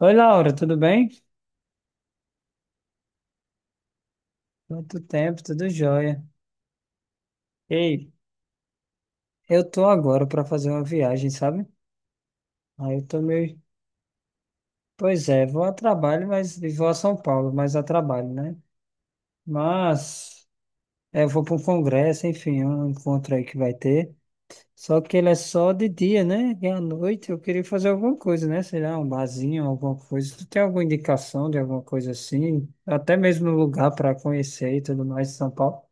Oi, Laura, tudo bem? Quanto tempo, tudo jóia. Ei, eu tô agora para fazer uma viagem, sabe? Aí eu tô meio. Pois é, vou a trabalho, mas e vou a São Paulo, mas a trabalho, né? Mas é, eu vou para um congresso, enfim, um encontro aí que vai ter. Só que ele é só de dia, né? E à noite eu queria fazer alguma coisa, né? Sei lá, um barzinho, alguma coisa. Tu tem alguma indicação de alguma coisa assim? Até mesmo um lugar para conhecer e tudo mais em São Paulo.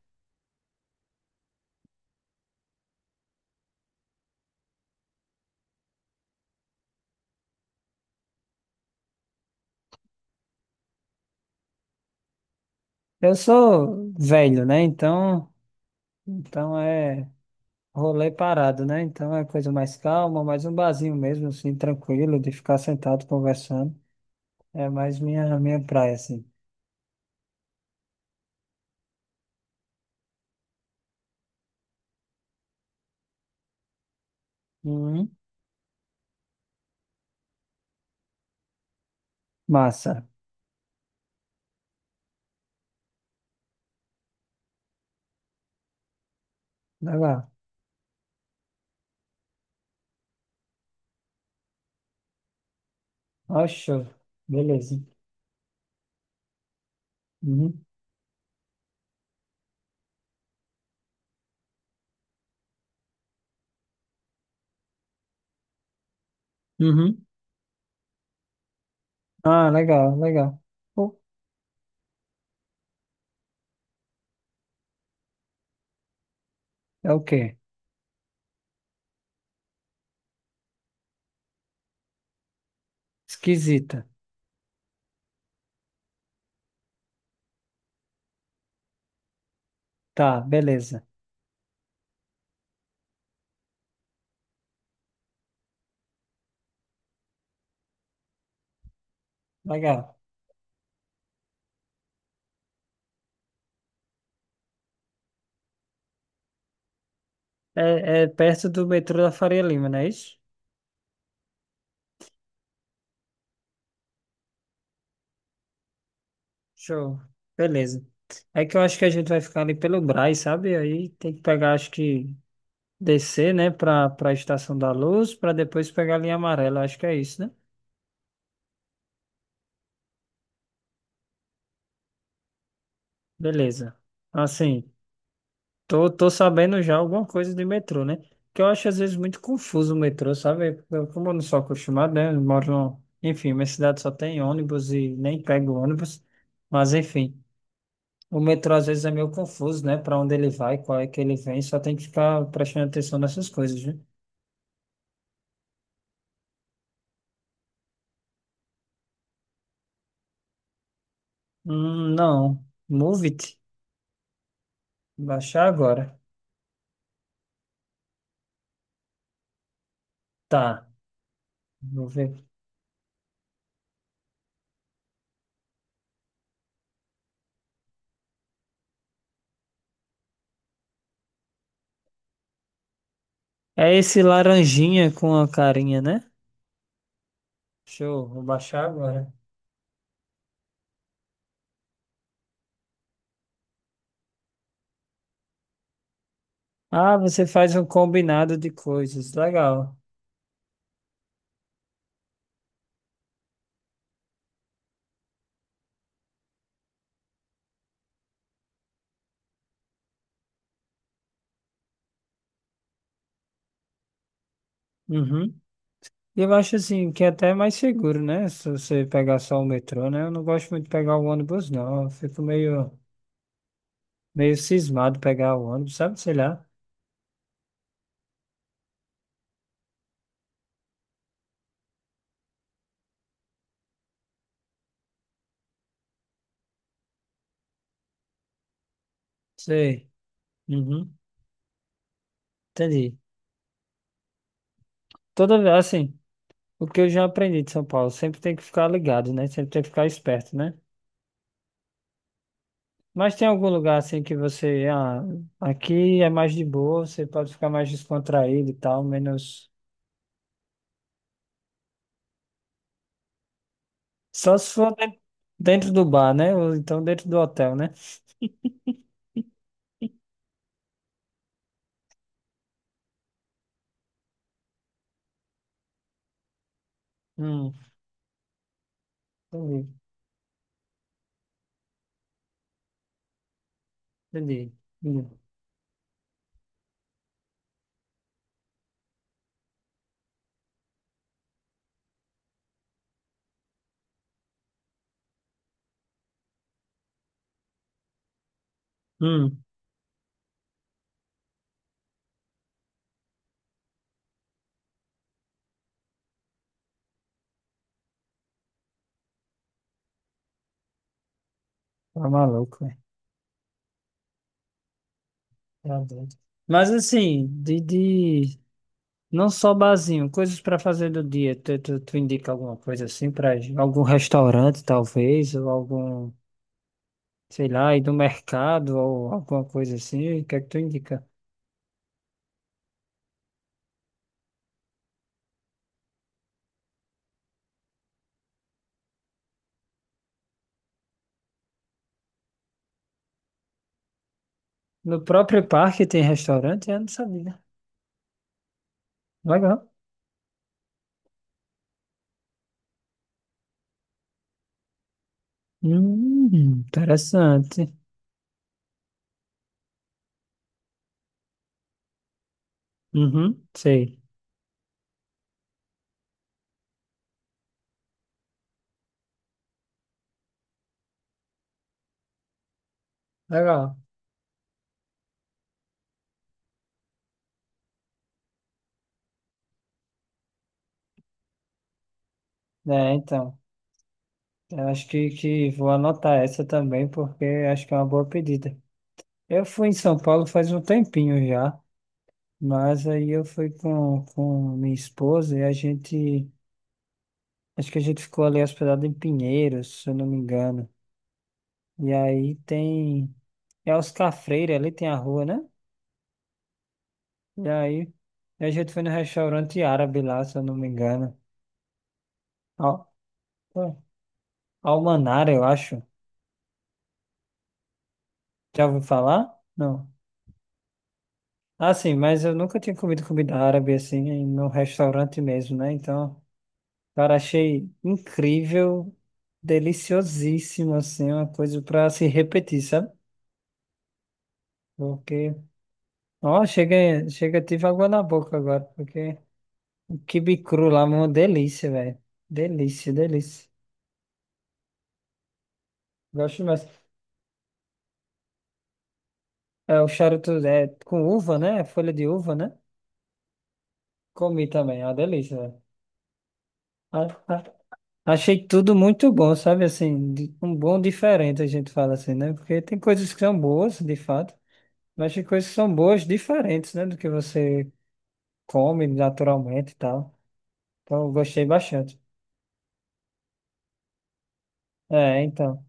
Eu sou velho, né? Então. Então é rolê parado, né? Então é coisa mais calma, mais um barzinho mesmo, assim, tranquilo, de ficar sentado conversando. É mais minha praia, assim. Uhum. Massa. Legal. Ó, show. Beleza. Uhum. Uhum. Ah, legal, legal. Pô, é o quê? Esquisita. Tá, beleza. Legal. É, é perto do metrô da Faria Lima, não é isso? Show. Beleza. É que eu acho que a gente vai ficar ali pelo Brás, sabe? Aí tem que pegar, acho que descer, né, para a Estação da Luz, para depois pegar a linha amarela. Acho que é isso, né? Beleza. Assim, tô sabendo já alguma coisa de metrô, né? Que eu acho às vezes muito confuso o metrô, sabe? Eu, como eu não sou acostumado, né? Eu moro no... Enfim, minha cidade só tem ônibus e nem pego ônibus. Mas enfim, o metrô às vezes é meio confuso, né? Para onde ele vai, qual é que ele vem, só tem que ficar prestando atenção nessas coisas, né? Não. Move it. Baixar agora. Tá. Vou ver. É esse laranjinha com a carinha, né? Show, vou baixar agora. Ah, você faz um combinado de coisas, legal. Uhum. E eu acho assim que é até mais seguro, né? Se você pegar só o metrô, né? Eu não gosto muito de pegar o ônibus, não. Eu fico meio, meio cismado pegar o ônibus, sabe? Sei lá. Sei. Uhum. Entendi. Toda vez, assim, o que eu já aprendi de São Paulo, sempre tem que ficar ligado, né? Sempre tem que ficar esperto, né? Mas tem algum lugar assim que você, ah, aqui é mais de boa, você pode ficar mais descontraído e tal, menos. Só se for dentro do bar, né? Ou então dentro do hotel, né? Hum, entendi, entendi, entendi. Hum, tá maluco, velho. Tá doido. Mas assim, de não só barzinho, coisas para fazer do dia. Tu indica alguma coisa assim para algum restaurante, talvez, ou algum, sei lá, ir do mercado ou alguma coisa assim. O que é que tu indica? No próprio parque tem restaurante? Eu não sabia. Legal. Hum, Interessante. Uhum, sei. Legal. É, então. Eu acho que vou anotar essa também, porque acho que é uma boa pedida. Eu fui em São Paulo faz um tempinho já, mas aí eu fui com minha esposa e a gente. Acho que a gente ficou ali hospedado em Pinheiros, se eu não me engano. E aí tem. É Oscar Freire, ali tem a rua, né? E aí, a gente foi no restaurante árabe lá, se eu não me engano. Al, Pô, Almanar, eu acho. Já ouviu falar? Não. Ah, sim, mas eu nunca tinha comido comida árabe assim, no restaurante mesmo, né? Então, cara, achei incrível, deliciosíssimo, assim, uma coisa pra se repetir, sabe? Porque, ó, chega, chega, tive água na boca agora, porque o quibe cru lá, é uma delícia, velho. Delícia, delícia. Gosto mais. É o charuto é, com uva, né? Folha de uva, né? Comi também, é uma delícia, velho. A- a- Achei tudo muito bom, sabe? Assim, de um bom diferente, a gente fala assim, né? Porque tem coisas que são boas, de fato, mas tem coisas que são boas diferentes, né? Do que você come naturalmente e tal. Então, eu gostei bastante. É, então,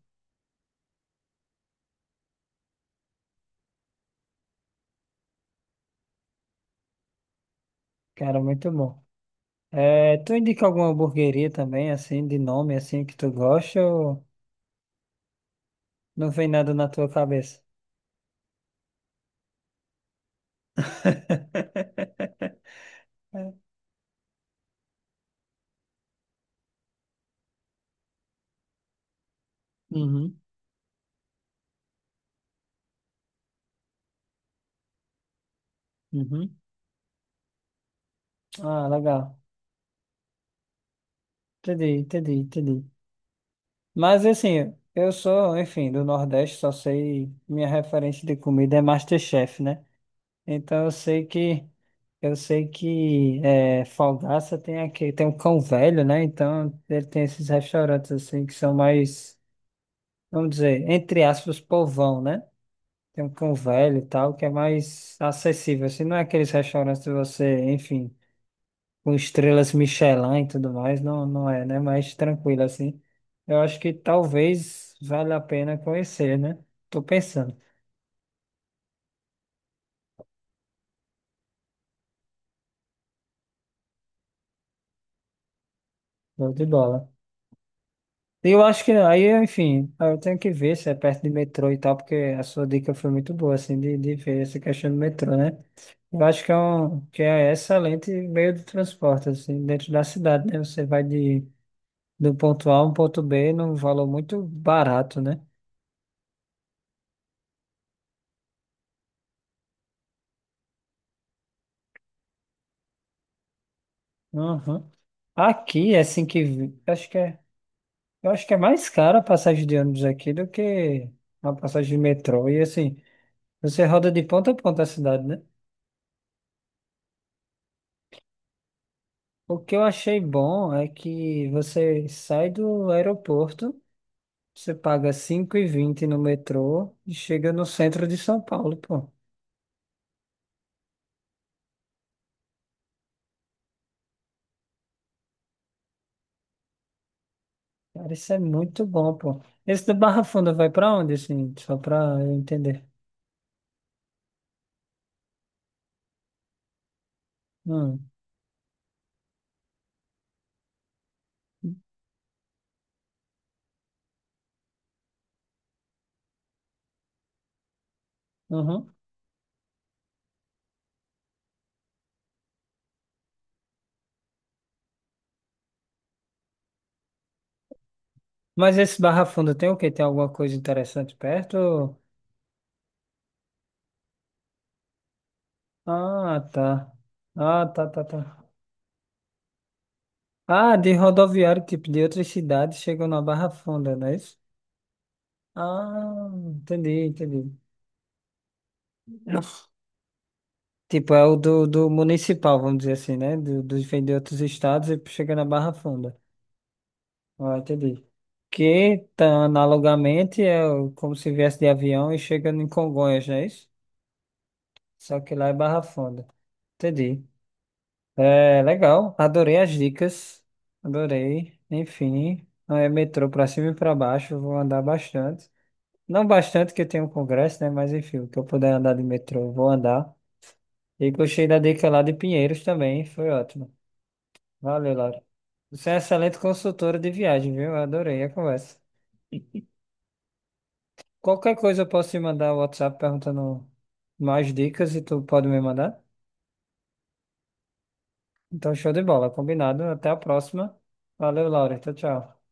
cara, muito bom. É, tu indica alguma hamburgueria também, assim, de nome, assim, que tu gosta ou não vem nada na tua cabeça? Uhum. Uhum. Ah, legal. Entendi, entendi, entendi. Mas assim, eu sou, enfim, do Nordeste, só sei, minha referência de comida é MasterChef, né? Então eu sei que é, Falgaça tem aqui, tem um cão velho, né? Então ele tem esses restaurantes assim que são mais, vamos dizer, entre aspas, povão, né? Tem um cão velho e tal, que é mais acessível, assim, não é aqueles restaurantes que você, enfim, com estrelas Michelin e tudo mais, não, não é, né? Mais tranquilo assim. Eu acho que talvez valha a pena conhecer, né? Tô pensando, show de bola. E eu acho que aí, enfim, eu tenho que ver se é perto de metrô e tal, porque a sua dica foi muito boa, assim, de ver essa questão do metrô, né? Eu acho que é um, que é excelente meio de transporte, assim, dentro da cidade, né? Você vai de, do ponto A a um ponto B num valor muito barato, né? Uhum. Aqui, assim que. Acho que é. Eu acho que é mais cara a passagem de ônibus aqui do que a passagem de metrô. E assim, você roda de ponta a ponta a cidade, né? O que eu achei bom é que você sai do aeroporto, você paga 5,20 no metrô e chega no centro de São Paulo, pô. Cara, isso é muito bom, pô. Esse do Barra Funda vai pra onde, assim? Só pra eu entender. Hum. Uhum. Mas esse Barra Funda tem o quê? Tem alguma coisa interessante perto? Ah, tá. Ah, tá, tá, tá. Ah, de rodoviário, tipo, de outras cidades chegam na Barra Funda, não é isso? Ah, entendi, entendi. Tipo, é o do, do municipal, vamos dizer assim, né? Do, dos vem de outros estados e chega na Barra Funda. Ah, entendi. Que, tá, analogamente, é o como se viesse de avião e chega em Congonhas, não é isso? Só que lá é Barra Funda. Entendi. É, legal. Adorei as dicas. Adorei. Enfim, é metrô pra cima e pra baixo. Vou andar bastante. Não bastante que eu tenho um congresso, né? Mas enfim, o que eu puder andar de metrô, eu vou andar. E gostei da dica lá de Pinheiros também, foi ótimo. Valeu, Laura. Você é excelente consultora de viagem, viu? Eu adorei a conversa. Qualquer coisa eu posso te mandar o WhatsApp perguntando mais dicas e tu pode me mandar? Então, show de bola, combinado. Até a próxima. Valeu, Laura. Tchau, tchau.